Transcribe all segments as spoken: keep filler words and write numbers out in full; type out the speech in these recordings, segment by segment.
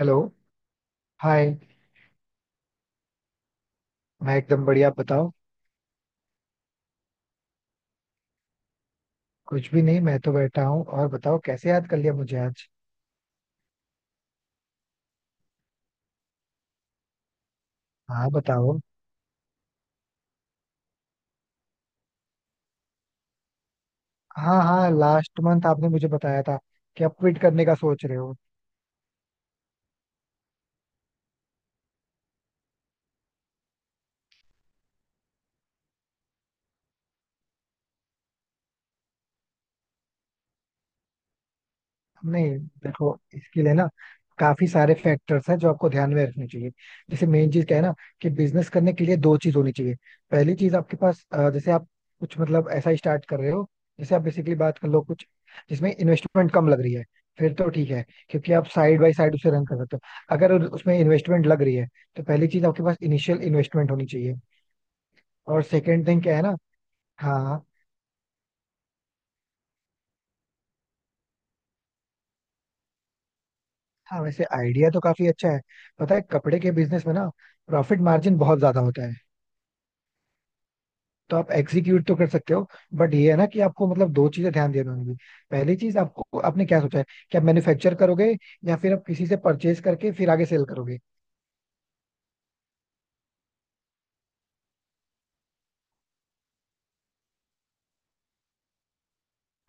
Hello. Hi. मैं एकदम बढ़िया, आप बताओ. कुछ भी नहीं, मैं तो बैठा हूँ. और बताओ कैसे याद कर लिया मुझे आज. हाँ, बताओ. हाँ हाँ, लास्ट मंथ आपने मुझे बताया था कि आप क्विट करने का सोच रहे हो. नहीं, देखो इसके लिए ना काफी सारे फैक्टर्स हैं जो आपको ध्यान में रखने चाहिए. जैसे मेन चीज क्या है ना, कि बिजनेस करने के लिए दो चीज होनी चाहिए. पहली चीज आपके पास, अ, जैसे आप कुछ मतलब ऐसा स्टार्ट कर रहे हो, जैसे आप बेसिकली बात कर लो कुछ जिसमें इन्वेस्टमेंट कम लग रही है, फिर तो ठीक है. क्योंकि आप साइड बाय साइड उसे रन कर सकते हो. अगर उस- उसमें इन्वेस्टमेंट लग रही है, तो पहली चीज आपके पास इनिशियल इन्वेस्टमेंट होनी चाहिए. और सेकेंड थिंग क्या है ना. हाँ हाँ, वैसे आइडिया तो काफी अच्छा है. पता है कपड़े के बिजनेस में ना, प्रॉफिट मार्जिन बहुत ज्यादा होता है. तो आप एग्जीक्यूट तो कर सकते हो, बट ये है ना कि आपको मतलब दो चीजें ध्यान देनी होंगी. पहली चीज, आपको आपने क्या सोचा है कि आप मैन्युफैक्चर करोगे या फिर आप किसी से परचेज करके फिर आगे सेल करोगे.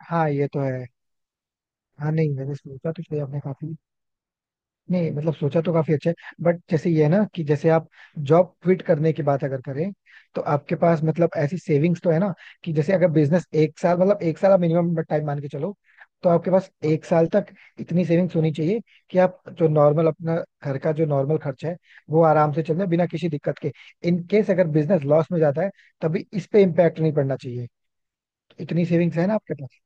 हाँ, ये तो है. हाँ. नहीं, मैंने सोचा तो सही आपने काफी. नहीं, मतलब सोचा तो काफी अच्छा है. बट जैसे ये है ना कि जैसे आप जॉब क्विट करने की बात अगर करें, तो आपके पास मतलब ऐसी सेविंग्स तो है ना, कि जैसे अगर बिजनेस एक साल, मतलब एक साल आप मिनिमम टाइम मान के चलो, तो आपके पास एक साल तक इतनी सेविंग्स होनी चाहिए कि आप जो नॉर्मल अपना घर का जो नॉर्मल खर्चा है, वो आराम से चल जाए बिना किसी दिक्कत के. इन केस अगर बिजनेस लॉस में जाता है, तभी इस पे इम्पैक्ट नहीं पड़ना चाहिए. तो इतनी सेविंग्स है ना आपके पास?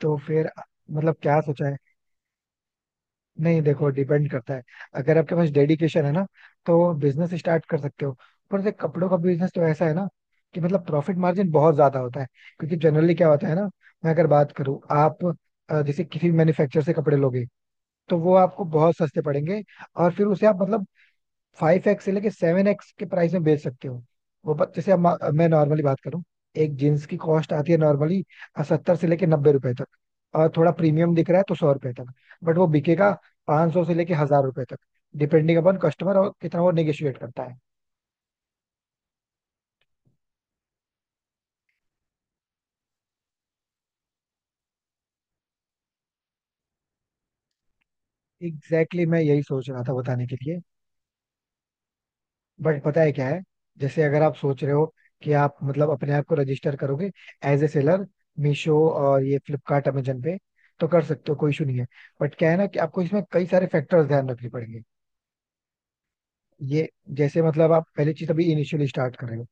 तो फिर मतलब क्या सोचा है? नहीं, देखो डिपेंड करता है. अगर आपके पास डेडिकेशन है ना, तो बिजनेस स्टार्ट कर सकते हो. पर से कपड़ों का बिजनेस तो ऐसा है ना, कि मतलब प्रॉफिट मार्जिन बहुत ज्यादा होता है. क्योंकि जनरली क्या होता है ना. मैं अगर बात करूँ, आप अ, जैसे किसी मैन्युफैक्चर से कपड़े लोगे, तो वो आपको बहुत सस्ते पड़ेंगे. और फिर उसे आप मतलब फाइव एक्स से लेके सेवन एक्स के प्राइस में बेच सकते हो. वो ब- जैसे अब मा- मैं नॉर्मली बात करूँ, एक जींस की कॉस्ट आती है नॉर्मली सत्तर से लेके नब्बे रुपए तक, और थोड़ा प्रीमियम दिख रहा है तो सौ रुपए तक. बट वो बिकेगा पाँच सौ से लेके हजार रुपए तक, डिपेंडिंग अपॉन कस्टमर और कितना वो नेगोशिएट करता है. एग्जैक्टली exactly, मैं यही सोच रहा था बताने के लिए. बट पता है क्या है, जैसे अगर आप सोच रहे हो कि आप मतलब अपने आप को रजिस्टर करोगे एज ए सेलर, मीशो और ये फ्लिपकार्ट अमेजन पे, तो कर सकते हो, कोई इशू नहीं है. बट क्या है ना, कि आपको इसमें कई सारे फैक्टर्स ध्यान रखने पड़ेंगे. ये, जैसे मतलब आप पहली चीज अभी इनिशियली स्टार्ट कर रहे हो.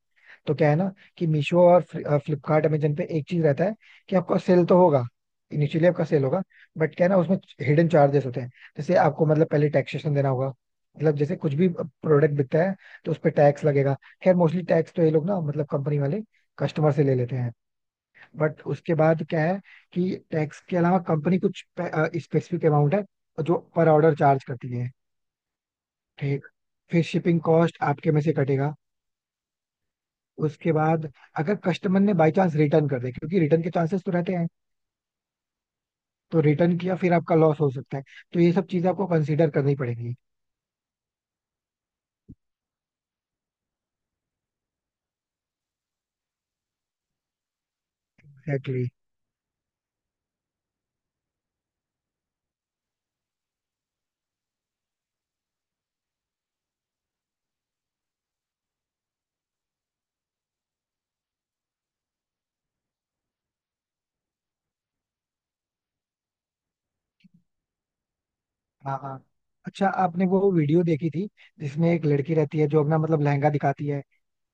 तो क्या है ना, कि मीशो और फ्लिपकार्ट अमेजन पे एक चीज रहता है कि आपका सेल तो होगा. इनिशियली आपका सेल होगा, बट क्या है ना उसमें हिडन चार्जेस होते हैं. जैसे आपको मतलब पहले टैक्सेशन देना होगा. मतलब जैसे कुछ भी प्रोडक्ट बिकता है, तो उस पर टैक्स लगेगा. खैर मोस्टली टैक्स तो ये लोग ना, मतलब कंपनी वाले, कस्टमर से ले लेते हैं. बट उसके बाद क्या है, कि टैक्स के अलावा कंपनी कुछ स्पेसिफिक अमाउंट है जो पर ऑर्डर चार्ज करती है. ठीक. फिर शिपिंग कॉस्ट आपके में से कटेगा. उसके बाद अगर कस्टमर ने बाई चांस रिटर्न कर दे, क्योंकि रिटर्न के चांसेस तो रहते हैं. तो रिटर्न किया फिर आपका लॉस हो सकता है. तो ये सब चीजें आपको कंसीडर करनी पड़ेगी. Exactly exactly. हाँ हाँ. अच्छा, आपने वो वीडियो देखी थी जिसमें एक लड़की रहती है जो अपना मतलब लहंगा दिखाती है,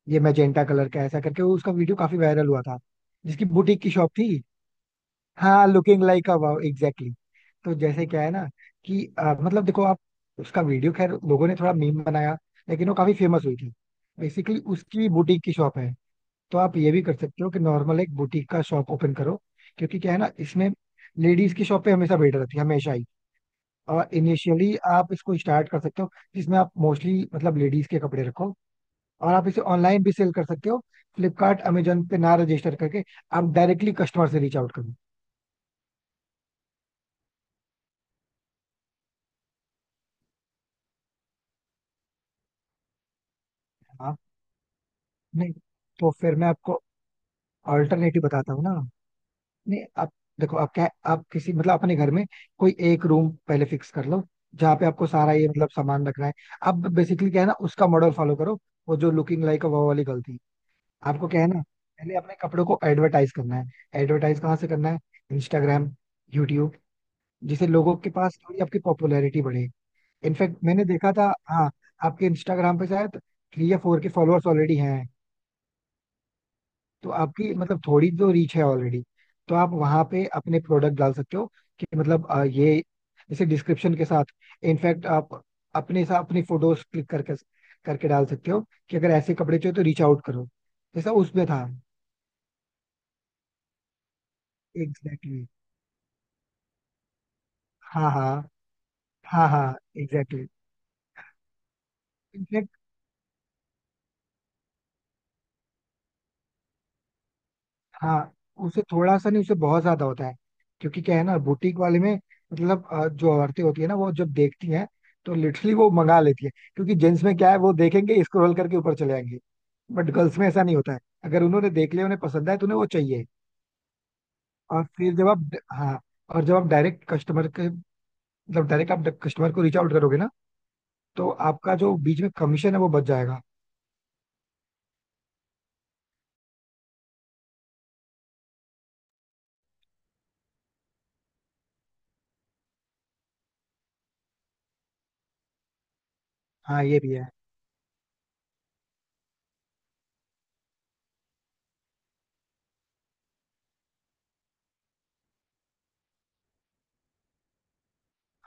ये मैजेंटा कलर का ऐसा करके, वो उसका वीडियो काफी वायरल हुआ था, जिसकी बुटीक की शॉप थी? हाँ, looking like a wow, exactly. तो जैसे क्या है ना कि, अ, मतलब देखो आप, उसका वीडियो खैर लोगों ने थोड़ा मीम बनाया, लेकिन वो काफी फेमस हुई थी. बेसिकली उसकी बुटीक की शॉप है. तो आप ये भी कर सकते हो कि नॉर्मल एक बुटीक का शॉप ओपन करो, क्योंकि क्या है ना इसमें, लेडीज की शॉप पे हमेशा भीड़ रहती है, हमेशा ही. और इनिशियली आप इसको स्टार्ट कर सकते हो, जिसमें आप मोस्टली मतलब लेडीज के कपड़े रखो. और आप इसे ऑनलाइन भी सेल कर सकते हो. फ्लिपकार्ट अमेजोन पे ना रजिस्टर करके, आप डायरेक्टली कस्टमर से रीच आउट करो. हाँ. नहीं, तो फिर मैं आपको ऑल्टरनेटिव बताता हूँ ना. नहीं आप, देखो आप क्या, आप किसी मतलब अपने घर में कोई एक रूम पहले फिक्स कर लो, जहाँ पे आपको सारा ये मतलब सामान रखना है. अब बेसिकली क्या है ना, उसका मॉडल फॉलो करो, वो जो लुकिंग लाइक वो वाली गलती. आपको क्या है ना, पहले अपने कपड़ों को एडवर्टाइज करना है. एडवर्टाइज कहाँ से करना है? इंस्टाग्राम, यूट्यूब, जिससे लोगों के पास थोड़ी आपकी पॉपुलैरिटी बढ़े. इनफैक्ट मैंने देखा था, हाँ, आपके इंस्टाग्राम पे शायद थ्री या फोर के फॉलोअर्स ऑलरेडी हैं. तो आपकी मतलब थोड़ी तो रीच है ऑलरेडी. तो आप वहां पे अपने प्रोडक्ट डाल सकते हो, कि मतलब अ, ये जैसे डिस्क्रिप्शन के साथ. इनफैक्ट आप अपने साथ अपनी फोटोज क्लिक करके करके डाल सकते हो, कि अगर ऐसे कपड़े चाहिए तो रीच आउट करो, जैसा उसमें था. Exactly exactly. हाँ हाँ हाँ हाँ, एग्जैक्टली. हाँ, उसे थोड़ा सा नहीं, उसे बहुत ज्यादा होता है. क्योंकि क्या है ना बुटीक वाले में, मतलब अ, जो औरतें होती है ना, वो जब देखती हैं, तो लिटरली वो मंगा लेती है. क्योंकि जेंट्स में क्या है, वो देखेंगे स्क्रॉल करके ऊपर चले जाएंगे. बट गर्ल्स में ऐसा नहीं होता है. अगर उन्होंने देख लिया, उन्हें पसंद आए, तो उन्हें वो चाहिए. और फिर जब आप. हाँ, और जब आप डायरेक्ट कस्टमर के, मतलब डायरेक्ट आप कस्टमर को रीच आउट करोगे ना, तो आपका जो बीच में कमीशन है वो बच जाएगा. हाँ, ये भी है.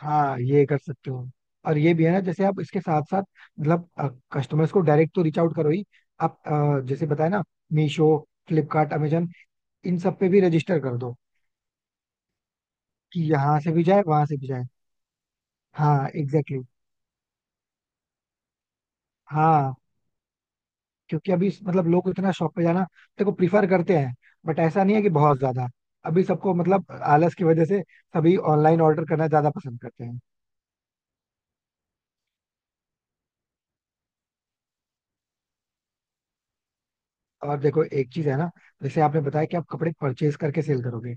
हाँ, ये कर सकते हो. और ये भी है ना, जैसे आप इसके साथ साथ मतलब कस्टमर्स को डायरेक्ट तो रीच आउट करो ही. आप अ, जैसे बताया ना, मीशो, फ्लिपकार्ट, अमेजन, इन सब पे भी रजिस्टर कर दो, कि यहाँ से भी जाए वहां से भी जाए. हाँ, एग्जैक्टली exactly. हाँ, क्योंकि अभी इस- मतलब लोग इतना शॉप पे जाना, देखो, प्रीफर करते हैं, बट ऐसा नहीं है कि बहुत ज्यादा. अभी सबको मतलब आलस की वजह से, सभी ऑनलाइन ऑर्डर करना ज्यादा पसंद करते हैं. और देखो एक चीज है ना, जैसे आपने बताया कि आप कपड़े परचेज करके सेल करोगे,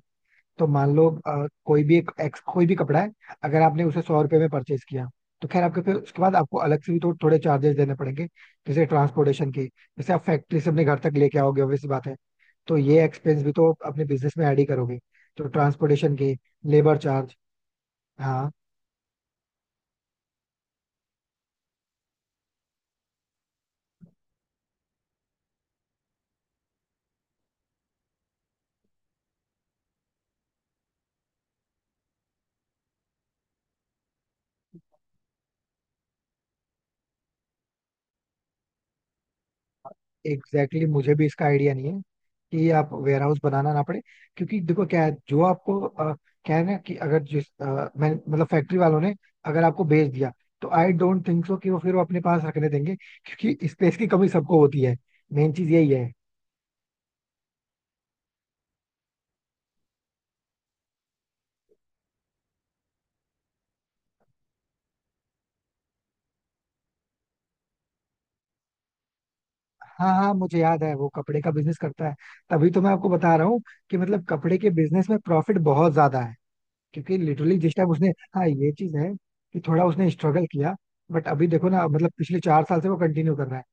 तो मान लो अ, कोई भी एक ex- कोई भी कपड़ा है, अगर आपने उसे सौ रुपए में परचेज किया, तो खैर आपके, फिर उसके बाद आपको अलग से भी तो थोड़े चार्जेस देने पड़ेंगे. जैसे ट्रांसपोर्टेशन के, जैसे आप फैक्ट्री से अपने घर तक लेके आओगे, obvious सी बात है. तो ये एक्सपेंस भी तो अपने बिजनेस में ऐड ही करोगे. तो ट्रांसपोर्टेशन के, लेबर चार्ज. हाँ एग्जैक्टली exactly, मुझे भी इसका आइडिया नहीं है कि आप वेयरहाउस बनाना ना पड़े. क्योंकि देखो क्या है, जो आपको अ, क्या है ना कि, अगर जिस अ, मैं मतलब फैक्ट्री वालों ने अगर आपको बेच दिया, तो आई डोंट थिंक सो कि वो फिर वो अपने पास रखने देंगे, क्योंकि स्पेस की कमी सबको होती है. मेन चीज यही है. हाँ हाँ, मुझे याद है वो कपड़े का बिजनेस करता है. तभी तो मैं आपको बता रहा हूँ कि मतलब कपड़े के बिजनेस में प्रॉफिट बहुत ज्यादा है. क्योंकि लिटरली जिस टाइम उसने. हाँ, ये चीज है कि थोड़ा उसने स्ट्रगल किया. बट अभी देखो ना, मतलब पिछले चार साल से वो कंटिन्यू कर रहा है.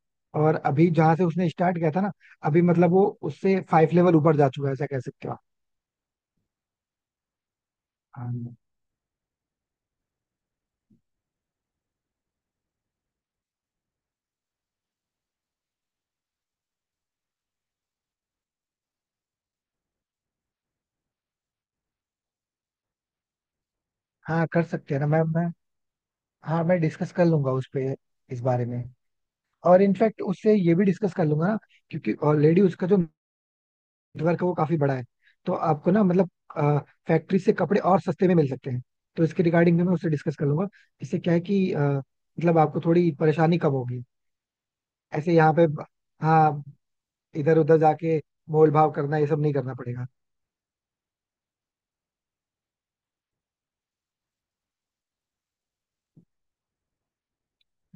और अभी जहां से उसने स्टार्ट किया था ना, अभी मतलब वो उससे फाइव लेवल ऊपर जा चुका है, ऐसा कह सकते हो आप. हाँ हाँ, कर सकते हैं ना. मैं मैं हाँ, मैं डिस्कस कर लूंगा उस पे, इस बारे में. और इनफैक्ट उससे ये भी डिस्कस कर लूंगा ना, क्योंकि ऑलरेडी उसका जो नेटवर्क है वो काफी बड़ा है. तो आपको ना, मतलब फैक्ट्री से कपड़े और सस्ते में मिल सकते हैं. तो इसके रिगार्डिंग में मैं उससे डिस्कस कर लूंगा. इससे क्या है कि, अ, मतलब आपको थोड़ी परेशानी कम होगी. ऐसे यहाँ पे, ब- हाँ, इधर उधर जाके मोल भाव करना, ये सब नहीं करना पड़ेगा.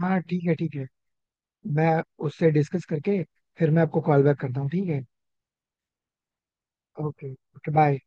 हाँ, ठीक है ठीक है. मैं उससे डिस्कस करके फिर मैं आपको कॉल बैक करता हूँ, ठीक है? Okay okay, bye.